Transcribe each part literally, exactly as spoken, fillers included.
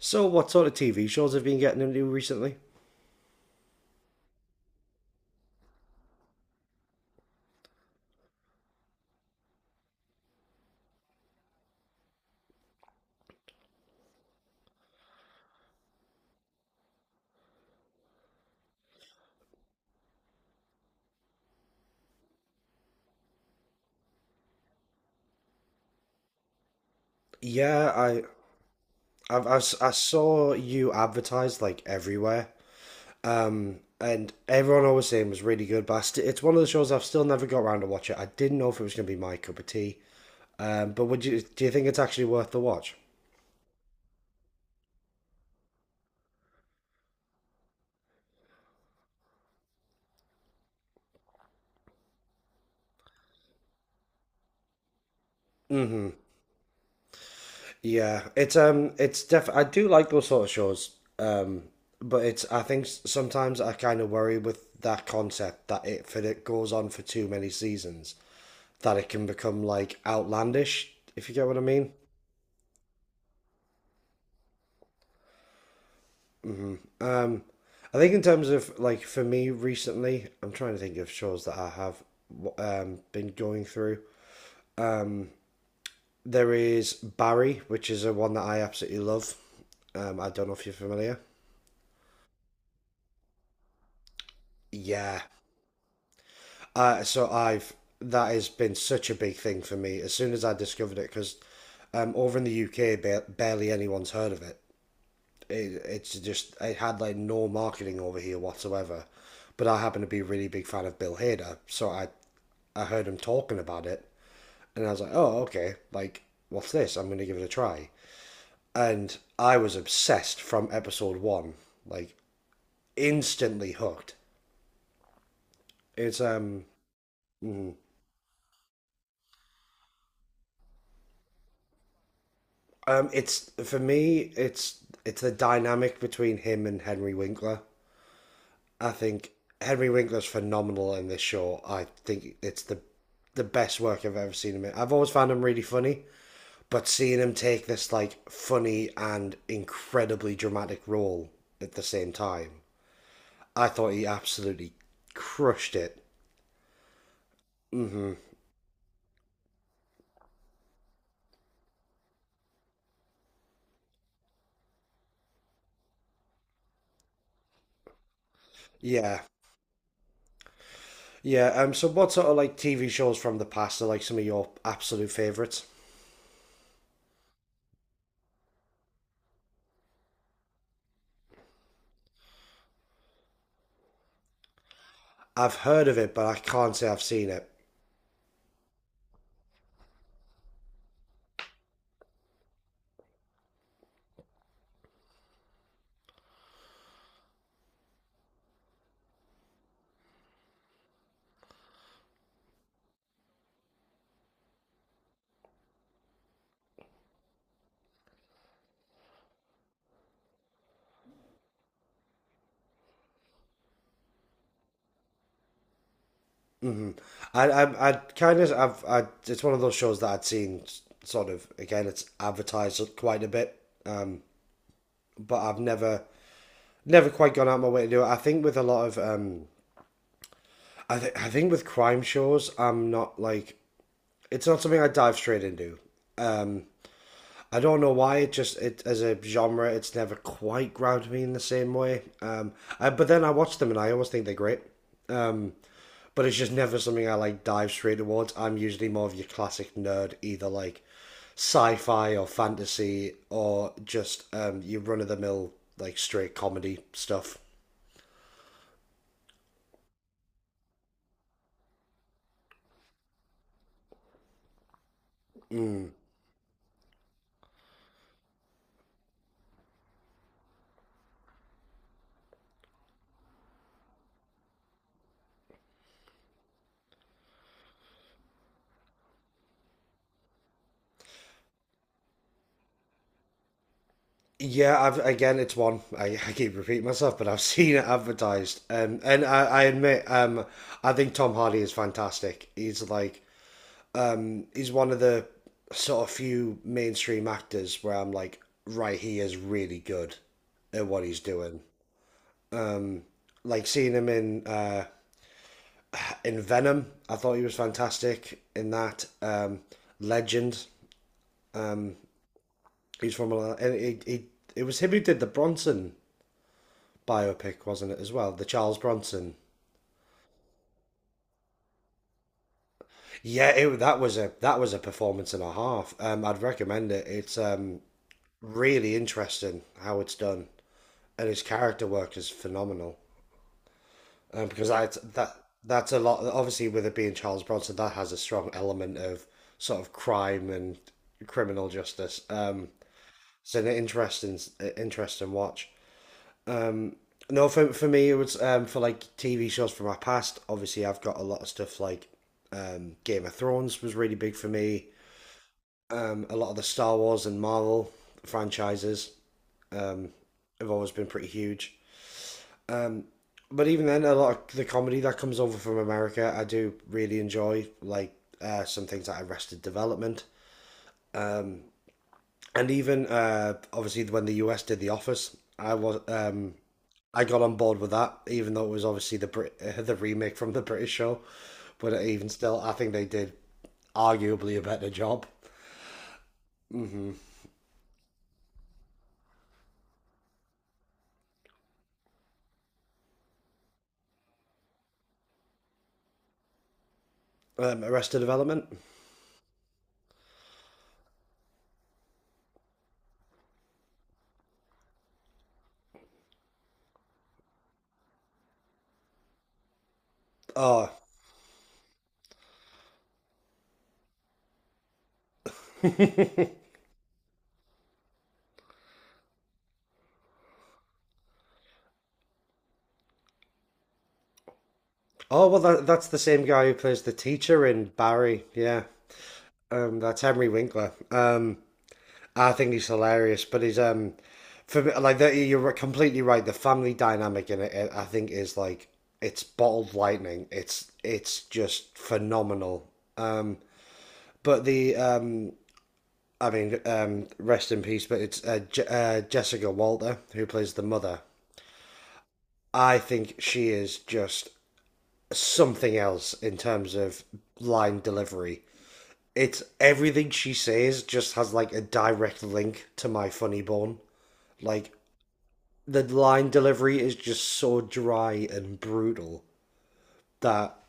So, what sort of T V shows have you been getting into recently? Yeah, I I've, I've, si saw you advertised like everywhere, um, and everyone always saying it was really good. But I st- it's one of the shows I've still never got around to watch it. I didn't know if it was going to be my cup of tea. Um, but would you do you think it's actually worth the watch? Mm-hmm. Yeah, it's um, it's def. I do like those sort of shows. Um, but it's I think s- sometimes I kind of worry with that concept that it for it goes on for too many seasons, that it can become like outlandish, if you get what I mean. hmm Um, I think in terms of like for me recently, I'm trying to think of shows that I have um, been going through. There is Barry, which is a one that I absolutely love. Um, I don't know if you're familiar. Yeah. Uh, so I've that has been such a big thing for me as soon as I discovered it because um, over in the U K, ba- barely anyone's heard of it. it, it's just it had like no marketing over here whatsoever. But I happen to be a really big fan of Bill Hader, so I I heard him talking about it, and I was like, oh okay, like what's this? I'm gonna give it a try. And I was obsessed from episode one, like instantly hooked. It's um um it's for me it's it's the dynamic between him and Henry Winkler. I think Henry Winkler's phenomenal in this show. I think it's the the best work I've ever seen him in. I've always found him really funny, but seeing him take this like funny and incredibly dramatic role at the same time, I thought he absolutely crushed it. Yeah, yeah. Um. So, what sort of like T V shows from the past are like some of your absolute favorites? I've heard of it, but I can't say I've seen it. I, I, I kind of, I've, I, it's one of those shows that I'd seen sort of, again, it's advertised quite a bit, um, but I've never, never quite gone out my way to do it. I think with a lot of, um, I, th- I think with crime shows, I'm not like, it's not something I dive straight into. I don't know why it just it as a genre it's never quite grabbed me in the same way. Um, I, but then I watch them and I always think they're great. Um, but it's just never something I like dive straight towards. I'm usually more of your classic nerd, either like sci-fi or fantasy or just um, your run-of-the-mill like straight comedy stuff. Yeah, I've again, it's one I, I keep repeating myself, but I've seen it advertised, um, and I, I admit, um, I think Tom Hardy is fantastic. He's like, um, he's one of the sort of few mainstream actors where I'm like, right, he is really good at what he's doing. Um, like seeing him in uh, in Venom, I thought he was fantastic in that. Um, Legend, um, he's from a. he, he, it was him who did the Bronson biopic, wasn't it as well? The Charles Bronson. Yeah, it, that was a that was a performance and a half. Um, I'd recommend it. It's um, really interesting how it's done, and his character work is phenomenal. Um, because I that that's a lot. Obviously, with it being Charles Bronson, that has a strong element of sort of crime and criminal justice. Um, it's an interesting interesting watch. No, for for me, it was um, for like T V shows from my past. Obviously, I've got a lot of stuff like um, Game of Thrones was really big for me. Um, a lot of the Star Wars and Marvel franchises have always been pretty huge. But even then, a lot of the comedy that comes over from America, I do really enjoy, like uh, some things like Arrested Development, and even uh, obviously when the U S did The Office, I was um, I got on board with that, even though it was obviously the Brit- uh, the remake from the British show, but even still, I think they did arguably a better job. Um, Arrested Development. Oh, oh well, that, that's the same guy who plays the teacher in Barry. Yeah, um, that's Henry Winkler. Um, I think he's hilarious, but he's um, for me, like the, you're right, completely right. The family dynamic in it, I think, is like it's bottled lightning. It's it's just phenomenal. Um, but the um, I mean, um, rest in peace. But it's uh, Je- uh, Jessica Walter who plays the mother. I think she is just something else in terms of line delivery. It's everything she says just has like a direct link to my funny bone. Like the line delivery is just so dry and brutal that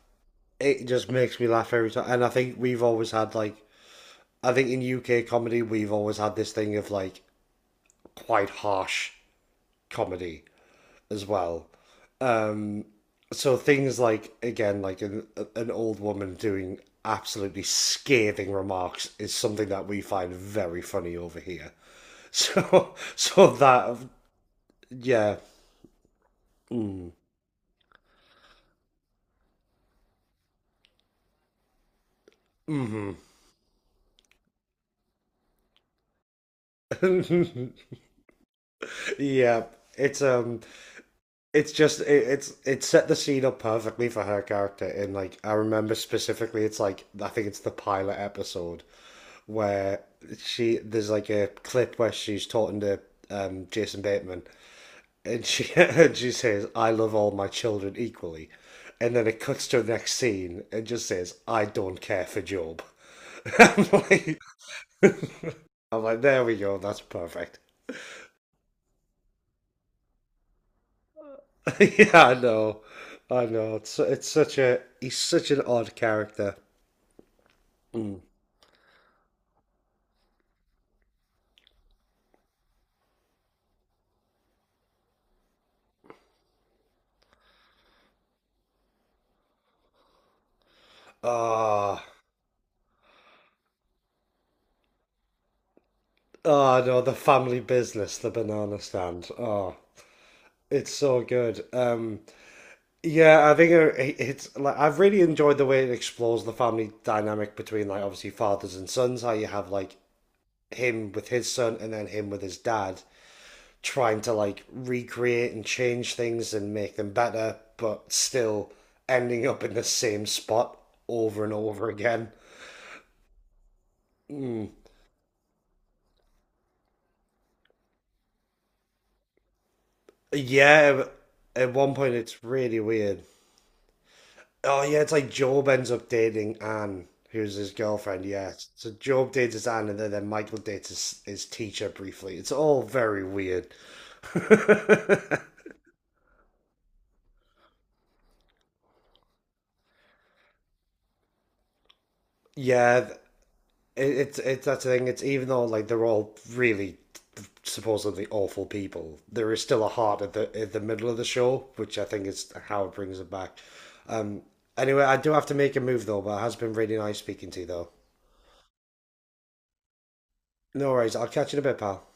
it just makes me laugh every time. And I think we've always had like I think in U K comedy we've always had this thing of like quite harsh comedy as well. So things like again like an an old woman doing absolutely scathing remarks is something that we find very funny over here. So so that yeah. Mm. hmm yeah, it's um it's just it, it's it set the scene up perfectly for her character, and like I remember specifically it's like I think it's the pilot episode where she there's like a clip where she's talking to um, Jason Bateman, and she and she says, "I love all my children equally," and then it cuts to the next scene and just says, "I don't care for Job." I'm, like, I'm like, there we go, that's perfect. Yeah, I know. I know, it's it's such a he's such an odd character. Mm. Oh, oh no, the family business, the banana stand. Oh, it's so good. Um, yeah, I think uh, it- it's like I've really enjoyed the way it explores the family dynamic between like obviously fathers and sons. How you have like him with his son and then him with his dad trying to like recreate and change things and make them better, but still ending up in the same spot over and over again. Mm. Yeah, at one point it's really weird. Oh yeah, it's like Job ends up dating Anne, who's his girlfriend. Yeah, so Job dates his Anne, and then, then Michael dates his, his teacher briefly. It's all very weird. yeah, th- it, it's it's that's the thing. It's even though like they're all really supposedly awful people, there is still a heart at the at the middle of the show, which I think is how it brings it back. Um. Anyway, I do have to make a move though, but it has been really nice speaking to you though. No worries. I'll catch you in a bit, pal.